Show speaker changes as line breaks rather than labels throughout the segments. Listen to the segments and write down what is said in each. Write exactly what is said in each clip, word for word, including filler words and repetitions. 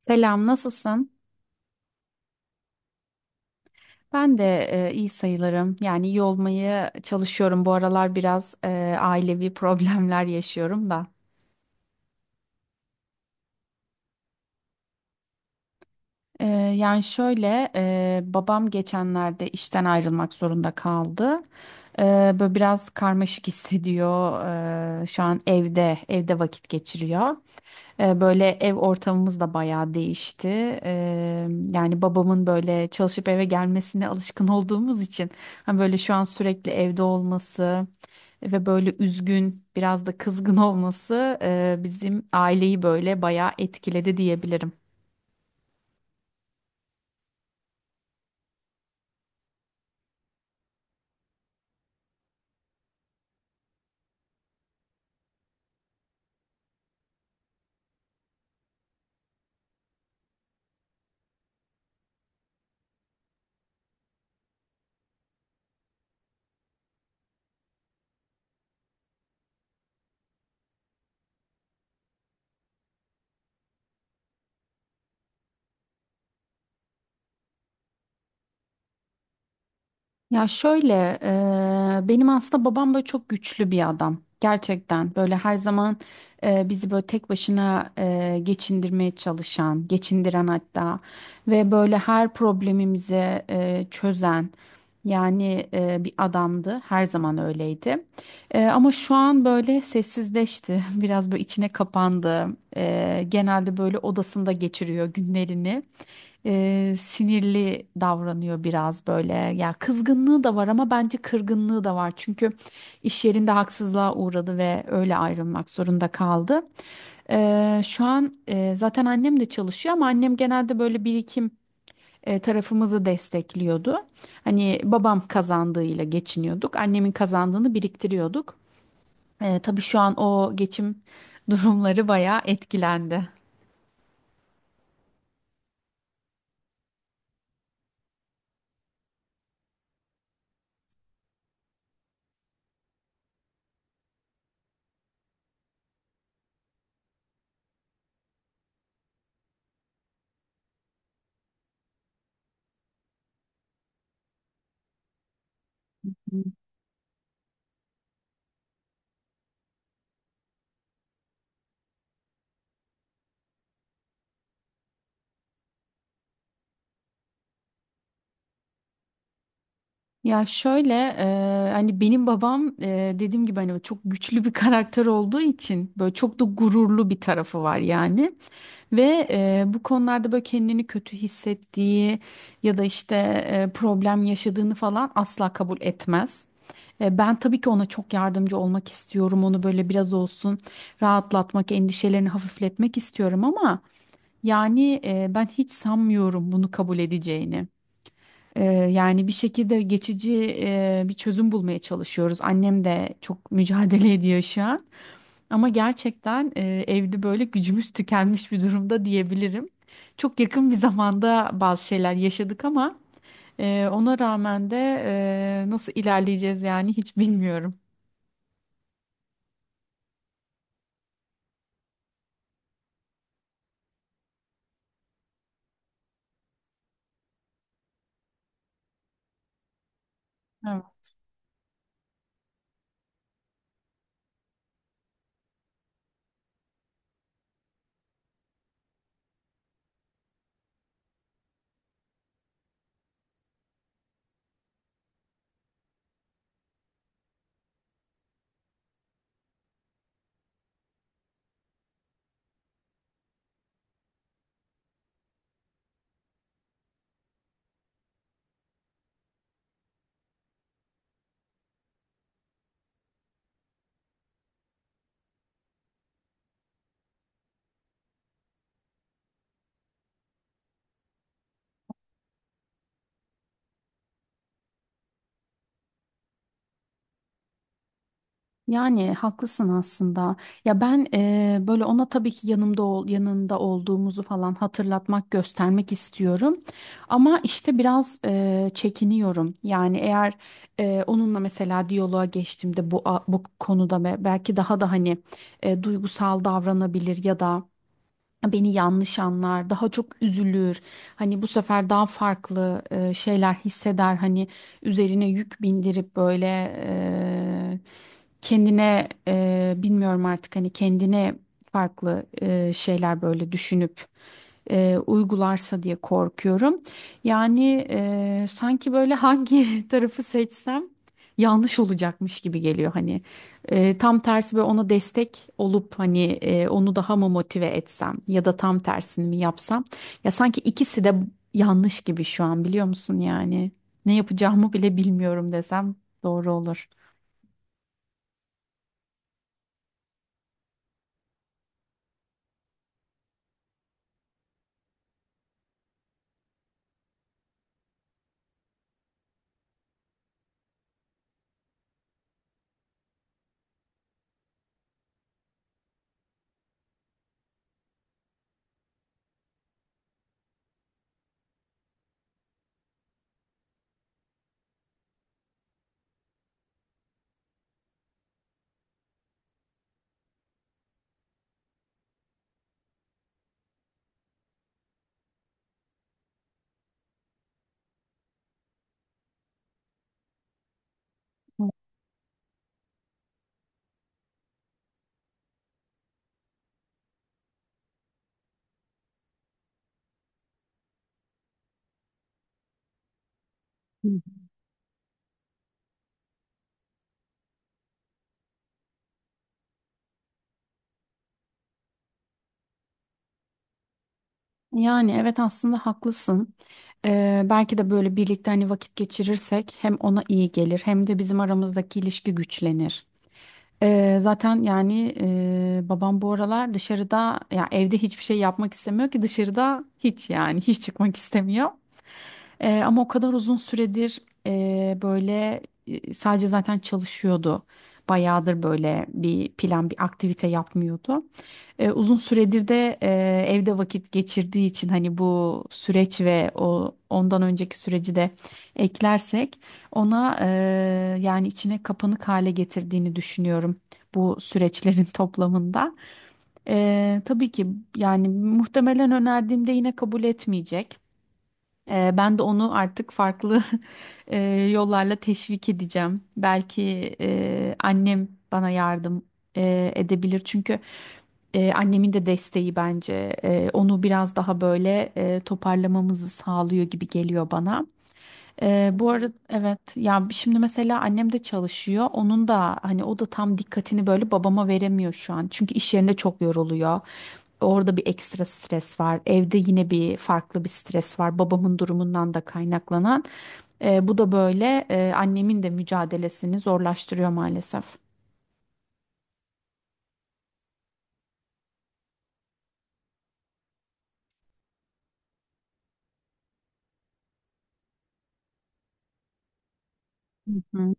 Selam, nasılsın? Ben de e, iyi sayılırım. Yani iyi olmaya çalışıyorum. Bu aralar biraz e, ailevi problemler yaşıyorum da. E, yani şöyle, e, babam geçenlerde işten ayrılmak zorunda kaldı. E, Böyle biraz karmaşık hissediyor. E, şu an evde, evde vakit geçiriyor. E, Böyle ev ortamımız da bayağı değişti. E, Yani babamın böyle çalışıp eve gelmesine alışkın olduğumuz için hani böyle şu an sürekli evde olması ve böyle üzgün, biraz da kızgın olması e, bizim aileyi böyle bayağı etkiledi diyebilirim. Ya şöyle, e, benim aslında babam böyle çok güçlü bir adam. Gerçekten böyle her zaman e, bizi böyle tek başına e, geçindirmeye çalışan, geçindiren hatta ve böyle her problemimizi e, çözen yani e, bir adamdı. Her zaman öyleydi. E, ama şu an böyle sessizleşti, biraz böyle içine kapandı. E, genelde böyle odasında geçiriyor günlerini, e, sinirli davranıyor biraz böyle. Ya kızgınlığı da var ama bence kırgınlığı da var. Çünkü iş yerinde haksızlığa uğradı ve öyle ayrılmak zorunda kaldı. E, şu an e, zaten annem de çalışıyor ama annem genelde böyle birikim e, tarafımızı destekliyordu. Hani babam kazandığıyla geçiniyorduk. Annemin kazandığını biriktiriyorduk. E, tabii şu an o geçim durumları bayağı etkilendi. Ya şöyle e, hani benim babam e, dediğim gibi hani çok güçlü bir karakter olduğu için böyle çok da gururlu bir tarafı var yani. Ve e, bu konularda böyle kendini kötü hissettiği ya da işte e, problem yaşadığını falan asla kabul etmez. E, Ben tabii ki ona çok yardımcı olmak istiyorum. Onu böyle biraz olsun rahatlatmak, endişelerini hafifletmek istiyorum ama yani e, ben hiç sanmıyorum bunu kabul edeceğini. Ee, yani bir şekilde geçici e, bir çözüm bulmaya çalışıyoruz. Annem de çok mücadele ediyor şu an. Ama gerçekten e, evde böyle gücümüz tükenmiş bir durumda diyebilirim. Çok yakın bir zamanda bazı şeyler yaşadık ama e, ona rağmen de e, nasıl ilerleyeceğiz yani hiç bilmiyorum. Yani haklısın aslında. Ya ben eee, böyle ona tabii ki yanımda ol, yanında olduğumuzu falan hatırlatmak, göstermek istiyorum. Ama işte biraz eee, çekiniyorum. Yani eğer eee, onunla mesela diyaloğa geçtiğimde bu a- bu konuda ve belki daha da hani eee, duygusal davranabilir ya da beni yanlış anlar, daha çok üzülür. Hani bu sefer daha farklı e, şeyler hisseder. Hani üzerine yük bindirip böyle e, kendine e, bilmiyorum artık hani kendine farklı e, şeyler böyle düşünüp e, uygularsa diye korkuyorum. Yani e, sanki böyle hangi tarafı seçsem yanlış olacakmış gibi geliyor hani. E, tam tersi böyle ona destek olup hani e, onu daha mı motive etsem ya da tam tersini mi yapsam, ya sanki ikisi de yanlış gibi şu an biliyor musun, yani ne yapacağımı bile bilmiyorum desem doğru olur. Yani evet aslında haklısın. Ee, belki de böyle birlikte hani vakit geçirirsek hem ona iyi gelir hem de bizim aramızdaki ilişki güçlenir. Ee, zaten yani e, babam bu aralar dışarıda ya evde hiçbir şey yapmak istemiyor ki dışarıda hiç yani hiç çıkmak istemiyor. Ee, ama o kadar uzun süredir e, böyle e, sadece zaten çalışıyordu. Bayağıdır böyle bir plan, bir aktivite yapmıyordu. Ee, uzun süredir de e, evde vakit geçirdiği için hani bu süreç ve o ondan önceki süreci de eklersek ona e, yani içine kapanık hale getirdiğini düşünüyorum bu süreçlerin toplamında. Ee, tabii ki yani muhtemelen önerdiğimde yine kabul etmeyecek. Eee, ben de onu artık farklı eee, yollarla teşvik edeceğim. Belki eee, annem bana yardım eee, edebilir. Çünkü eee, annemin de desteği bence eee, onu biraz daha böyle eee, toparlamamızı sağlıyor gibi geliyor bana. Ee, bu arada evet, ya şimdi mesela annem de çalışıyor. Onun da hani o da tam dikkatini böyle babama veremiyor şu an. Çünkü iş yerinde çok yoruluyor. Orada bir ekstra stres var. Evde yine bir farklı bir stres var. Babamın durumundan da kaynaklanan. Ee, bu da böyle e, annemin de mücadelesini zorlaştırıyor maalesef. Hı hı.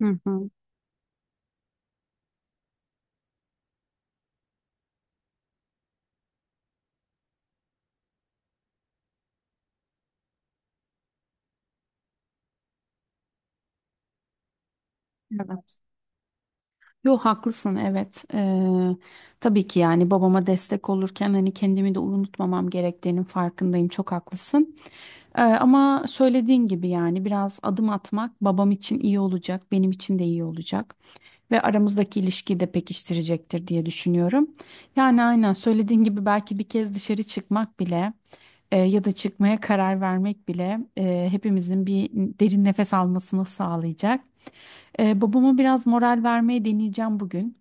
Hı hı. Evet. Yo, haklısın evet. Ee, tabii ki yani babama destek olurken hani kendimi de unutmamam gerektiğinin farkındayım. Çok haklısın. Ee, ama söylediğin gibi yani biraz adım atmak babam için iyi olacak, benim için de iyi olacak ve aramızdaki ilişkiyi de pekiştirecektir diye düşünüyorum. Yani aynen söylediğin gibi belki bir kez dışarı çıkmak bile e, ya da çıkmaya karar vermek bile e, hepimizin bir derin nefes almasını sağlayacak. E, babama biraz moral vermeye deneyeceğim bugün.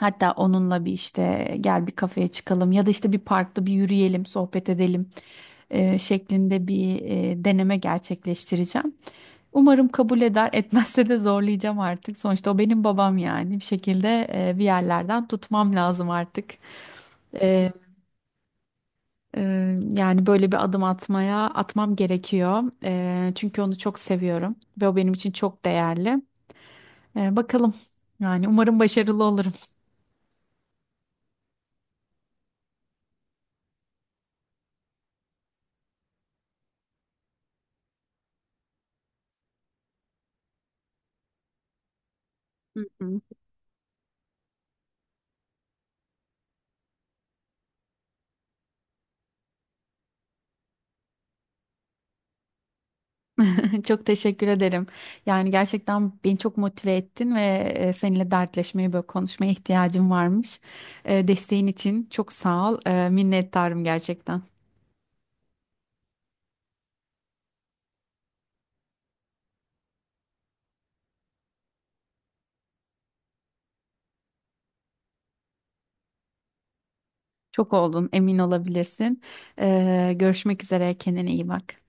Hatta onunla bir işte gel bir kafeye çıkalım ya da işte bir parkta bir yürüyelim, sohbet edelim e, şeklinde bir e, deneme gerçekleştireceğim. Umarım kabul eder, etmezse de zorlayacağım artık. Sonuçta o benim babam, yani bir şekilde e, bir yerlerden tutmam lazım artık. E, e, Yani böyle bir adım atmaya atmam gerekiyor. E, çünkü onu çok seviyorum ve o benim için çok değerli. E, bakalım, yani umarım başarılı olurum. Hı hı. Çok teşekkür ederim. Yani gerçekten beni çok motive ettin ve e, seninle dertleşmeye, böyle konuşmaya ihtiyacım varmış. E, Desteğin için çok sağ ol. E, Minnettarım gerçekten. Çok oldun, emin olabilirsin. E, Görüşmek üzere, kendine iyi bak.